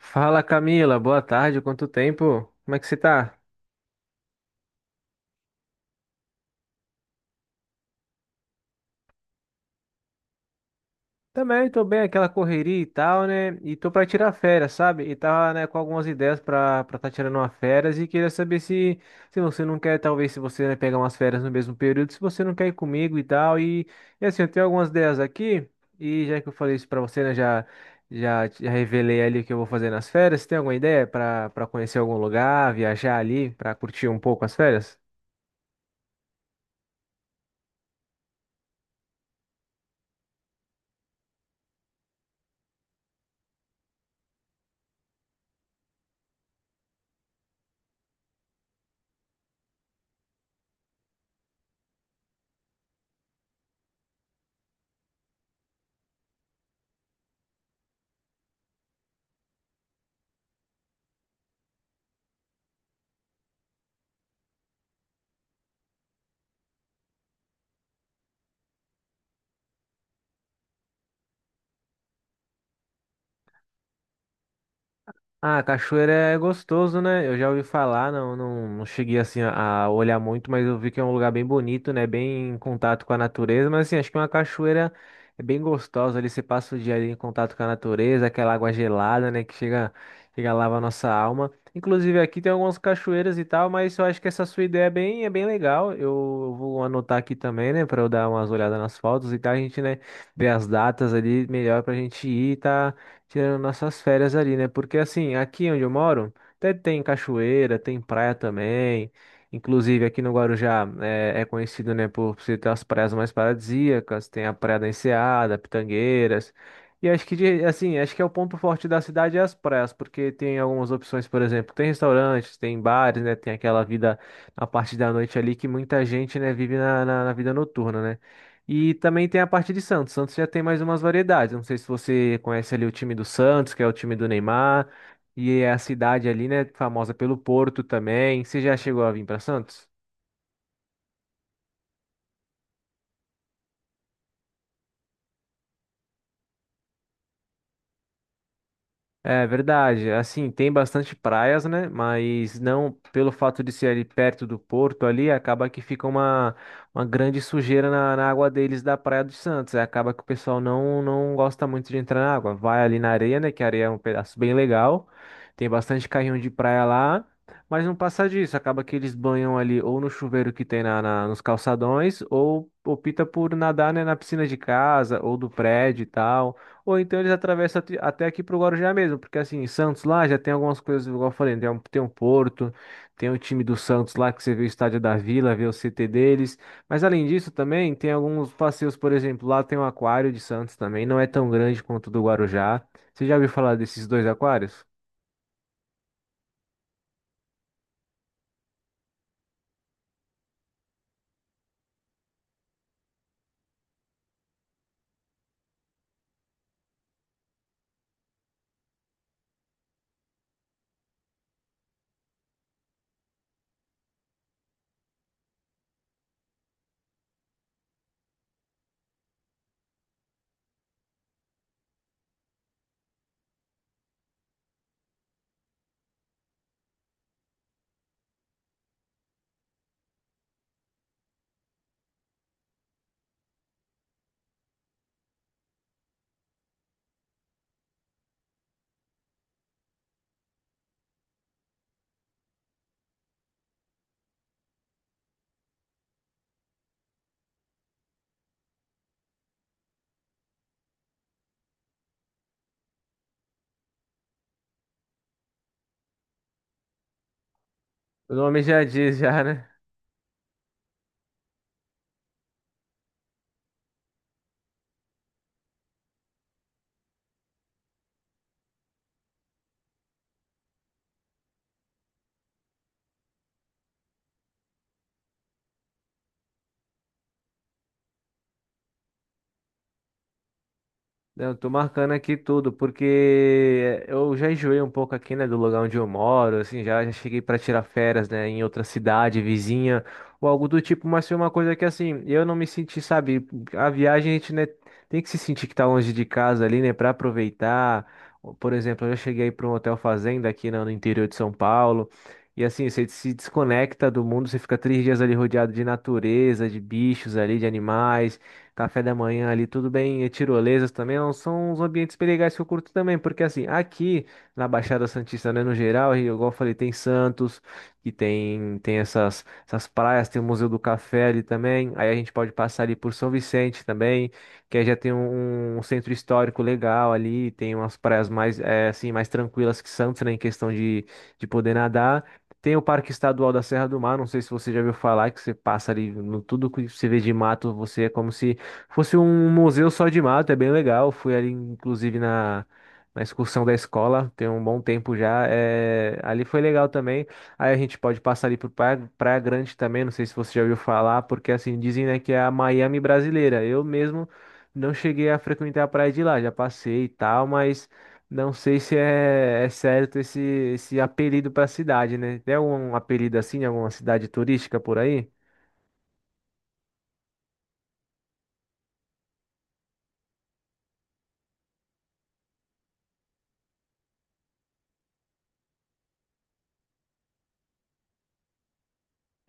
Fala Camila, boa tarde, quanto tempo? Como é que você tá? Também tô bem, aquela correria e tal, né? E tô pra tirar férias, sabe? E tava, né, com algumas ideias pra tá tirando uma férias e queria saber se, se você não quer, talvez, se você, né, pegar umas férias no mesmo período, se você não quer ir comigo e tal. E assim, eu tenho algumas ideias aqui e já que eu falei isso pra você, né, já, já revelei ali o que eu vou fazer nas férias. Você tem alguma ideia pra conhecer algum lugar, viajar ali, pra curtir um pouco as férias? Ah, cachoeira é gostoso, né? Eu já ouvi falar, não, não, não cheguei assim a olhar muito, mas eu vi que é um lugar bem bonito, né? Bem em contato com a natureza, mas assim, acho que uma cachoeira é bem gostosa ali, você passa o dia ali em contato com a natureza, aquela água gelada, né? Que chega, chega a lavar a nossa alma. Inclusive aqui tem algumas cachoeiras e tal, mas eu acho que essa sua ideia é bem legal. Eu vou anotar aqui também, né? Pra eu dar umas olhadas nas fotos e tal, a gente, né, ver as datas ali melhor pra gente ir, tá? Tirando nossas férias ali, né? Porque assim, aqui onde eu moro, até tem cachoeira, tem praia também. Inclusive aqui no Guarujá é, é conhecido, né, por ser ter as praias mais paradisíacas, tem a Praia da Enseada, Pitangueiras. E acho que assim, acho que é o ponto forte da cidade é as praias, porque tem algumas opções, por exemplo, tem restaurantes, tem bares, né, tem aquela vida na parte da noite ali que muita gente, né, vive na, na vida noturna, né? E também tem a parte de Santos. Santos já tem mais umas variedades. Não sei se você conhece ali o time do Santos, que é o time do Neymar, e é a cidade ali, né, famosa pelo Porto também. Você já chegou a vir para Santos? É verdade. Assim, tem bastante praias, né? Mas não pelo fato de ser ali perto do porto ali, acaba que fica uma grande sujeira na, na água deles da Praia dos Santos. Aí acaba que o pessoal não, não gosta muito de entrar na água. Vai ali na areia, né? Que a areia é um pedaço bem legal. Tem bastante carrinho de praia lá. Mas não passa disso. Acaba que eles banham ali ou no chuveiro que tem na, nos calçadões, ou opta por nadar, né, na piscina de casa ou do prédio e tal. Ou então eles atravessam até aqui pro Guarujá mesmo, porque assim, em Santos lá já tem algumas coisas, igual eu falei, né? Tem um, tem um Porto, tem o time do Santos lá que você vê o estádio da Vila, vê o CT deles. Mas além disso também tem alguns passeios, por exemplo, lá tem um Aquário de Santos também, não é tão grande quanto o do Guarujá. Você já ouviu falar desses dois aquários? O nome já diz já, né? Eu tô marcando aqui tudo, porque eu já enjoei um pouco aqui, né, do lugar onde eu moro, assim, já, já cheguei para tirar férias, né, em outra cidade, vizinha, ou algo do tipo, mas foi uma coisa que, assim, eu não me senti, sabe, a viagem a gente, né, tem que se sentir que tá longe de casa ali, né, para aproveitar. Por exemplo, eu já cheguei para um hotel fazenda aqui, né, no interior de São Paulo, e assim, você se desconecta do mundo, você fica 3 dias ali rodeado de natureza, de bichos ali, de animais, café da manhã ali, tudo bem, e tirolesas também, não são os ambientes bem legais que eu curto também, porque assim, aqui na Baixada Santista, né, no geral, e igual eu falei, tem Santos, que tem, tem essas, essas praias, tem o Museu do Café ali também, aí a gente pode passar ali por São Vicente também, que aí já tem um, um centro histórico legal ali, tem umas praias mais, assim, mais tranquilas que Santos, né, em questão de poder nadar. Tem o Parque Estadual da Serra do Mar, não sei se você já ouviu falar, que você passa ali no tudo que você vê de mato, você é como se fosse um museu só de mato, é bem legal. Fui ali, inclusive, na, na excursão da escola, tem um bom tempo já. É, ali foi legal também. Aí a gente pode passar ali por Praia, Praia Grande também, não sei se você já ouviu falar, porque assim, dizem, né, que é a Miami brasileira. Eu mesmo não cheguei a frequentar a praia de lá, já passei e tal, mas não sei se é, é certo esse, esse apelido para a cidade, né? Tem algum apelido assim, em alguma cidade turística por aí?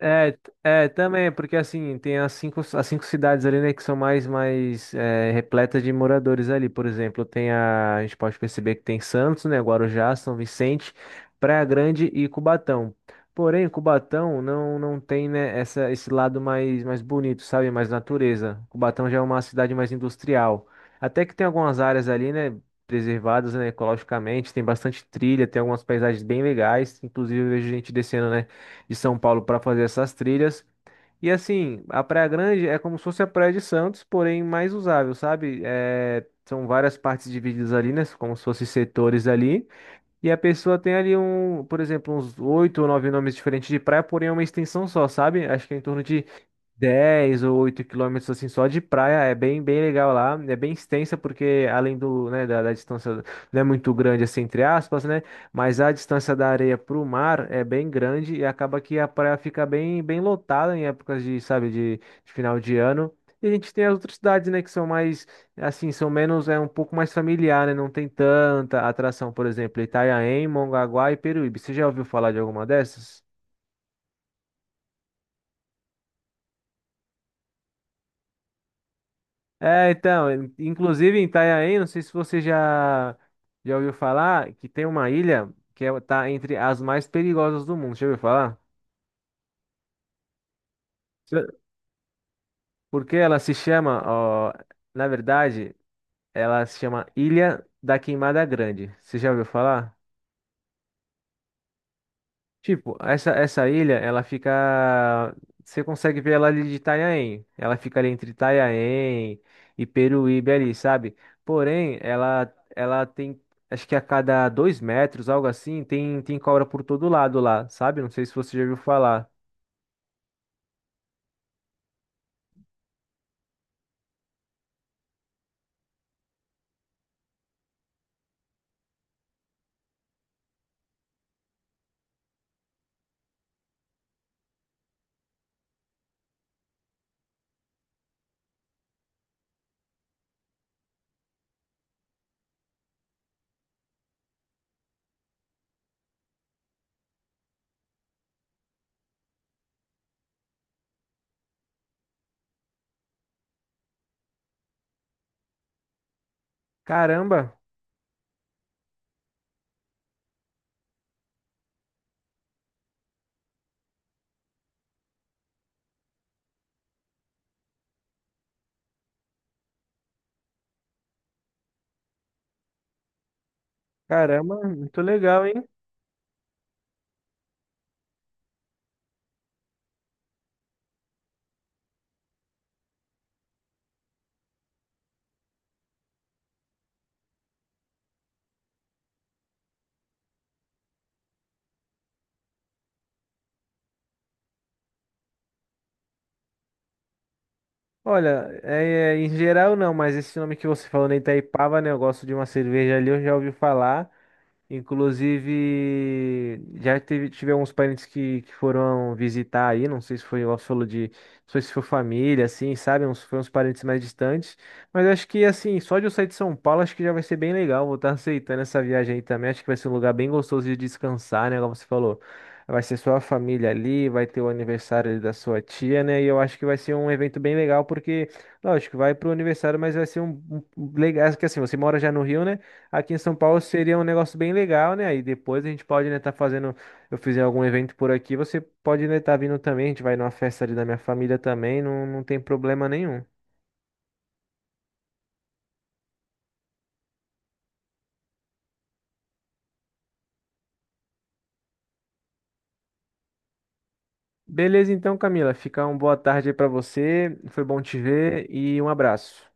É, é, também, porque assim, tem as 5, as 5 cidades ali, né, que são mais, mais é, repletas de moradores ali. Por exemplo, tem a gente pode perceber que tem Santos, né, Guarujá, São Vicente, Praia Grande e Cubatão. Porém, Cubatão não, não tem, né, essa, esse lado mais, mais bonito, sabe, mais natureza. Cubatão já é uma cidade mais industrial. Até que tem algumas áreas ali, né, preservadas, né, ecologicamente, tem bastante trilha, tem algumas paisagens bem legais, inclusive eu vejo gente descendo, né, de São Paulo para fazer essas trilhas. E assim, a Praia Grande é como se fosse a Praia de Santos, porém mais usável, sabe? É, são várias partes divididas ali, né? Como se fossem setores ali. E a pessoa tem ali um, por exemplo, uns 8 ou 9 nomes diferentes de praia, porém é uma extensão só, sabe? Acho que é em torno de 10 ou 8 quilômetros assim só de praia, é bem bem legal lá, é bem extensa porque além do, né, da, da distância não é muito grande assim entre aspas, né, mas a distância da areia para o mar é bem grande e acaba que a praia fica bem bem lotada em épocas de, sabe, de final de ano. E a gente tem as outras cidades, né, que são mais assim, são menos é um pouco mais familiar, né, não tem tanta atração, por exemplo, Itanhaém, Mongaguá e Peruíbe. Você já ouviu falar de alguma dessas? É, então, inclusive em Itanhaém, não sei se você já, já ouviu falar, que tem uma ilha que é, tá entre as mais perigosas do mundo. Já ouviu falar? Já. Porque ela se chama, ó, na verdade, ela se chama Ilha da Queimada Grande. Você já ouviu falar? Tipo, essa ilha, ela fica. Você consegue ver ela ali de Itanhaém. Ela fica ali entre Itanhaém e Peruíbe ali, sabe? Porém, ela tem. Acho que a cada 2 metros, algo assim, tem, tem cobra por todo lado lá, sabe? Não sei se você já ouviu falar. Caramba, caramba, muito legal, hein? Olha, é, é, em geral não, mas esse nome que você falou na Itaipava, né? Eu gosto de uma cerveja ali, eu já ouvi falar. Inclusive, já teve, tive alguns parentes que foram visitar aí, não sei se foi, igual você falou de, não sei se foi família, assim, sabe? Uns, foi uns parentes mais distantes. Mas acho que, assim, só de eu sair de São Paulo, acho que já vai ser bem legal. Vou estar aceitando essa viagem aí também. Acho que vai ser um lugar bem gostoso de descansar, né? Como você falou, vai ser sua família ali, vai ter o aniversário ali da sua tia, né? E eu acho que vai ser um evento bem legal, porque, lógico, vai pro aniversário, mas vai ser um, um legal, que assim, você mora já no Rio, né? Aqui em São Paulo seria um negócio bem legal, né? Aí depois a gente pode, né, tá fazendo, eu fizer algum evento por aqui, você pode, né, tá vindo também, a gente vai numa festa ali da minha família também, não, não tem problema nenhum. Beleza então, Camila, fica uma boa tarde aí pra você, foi bom te ver e um abraço.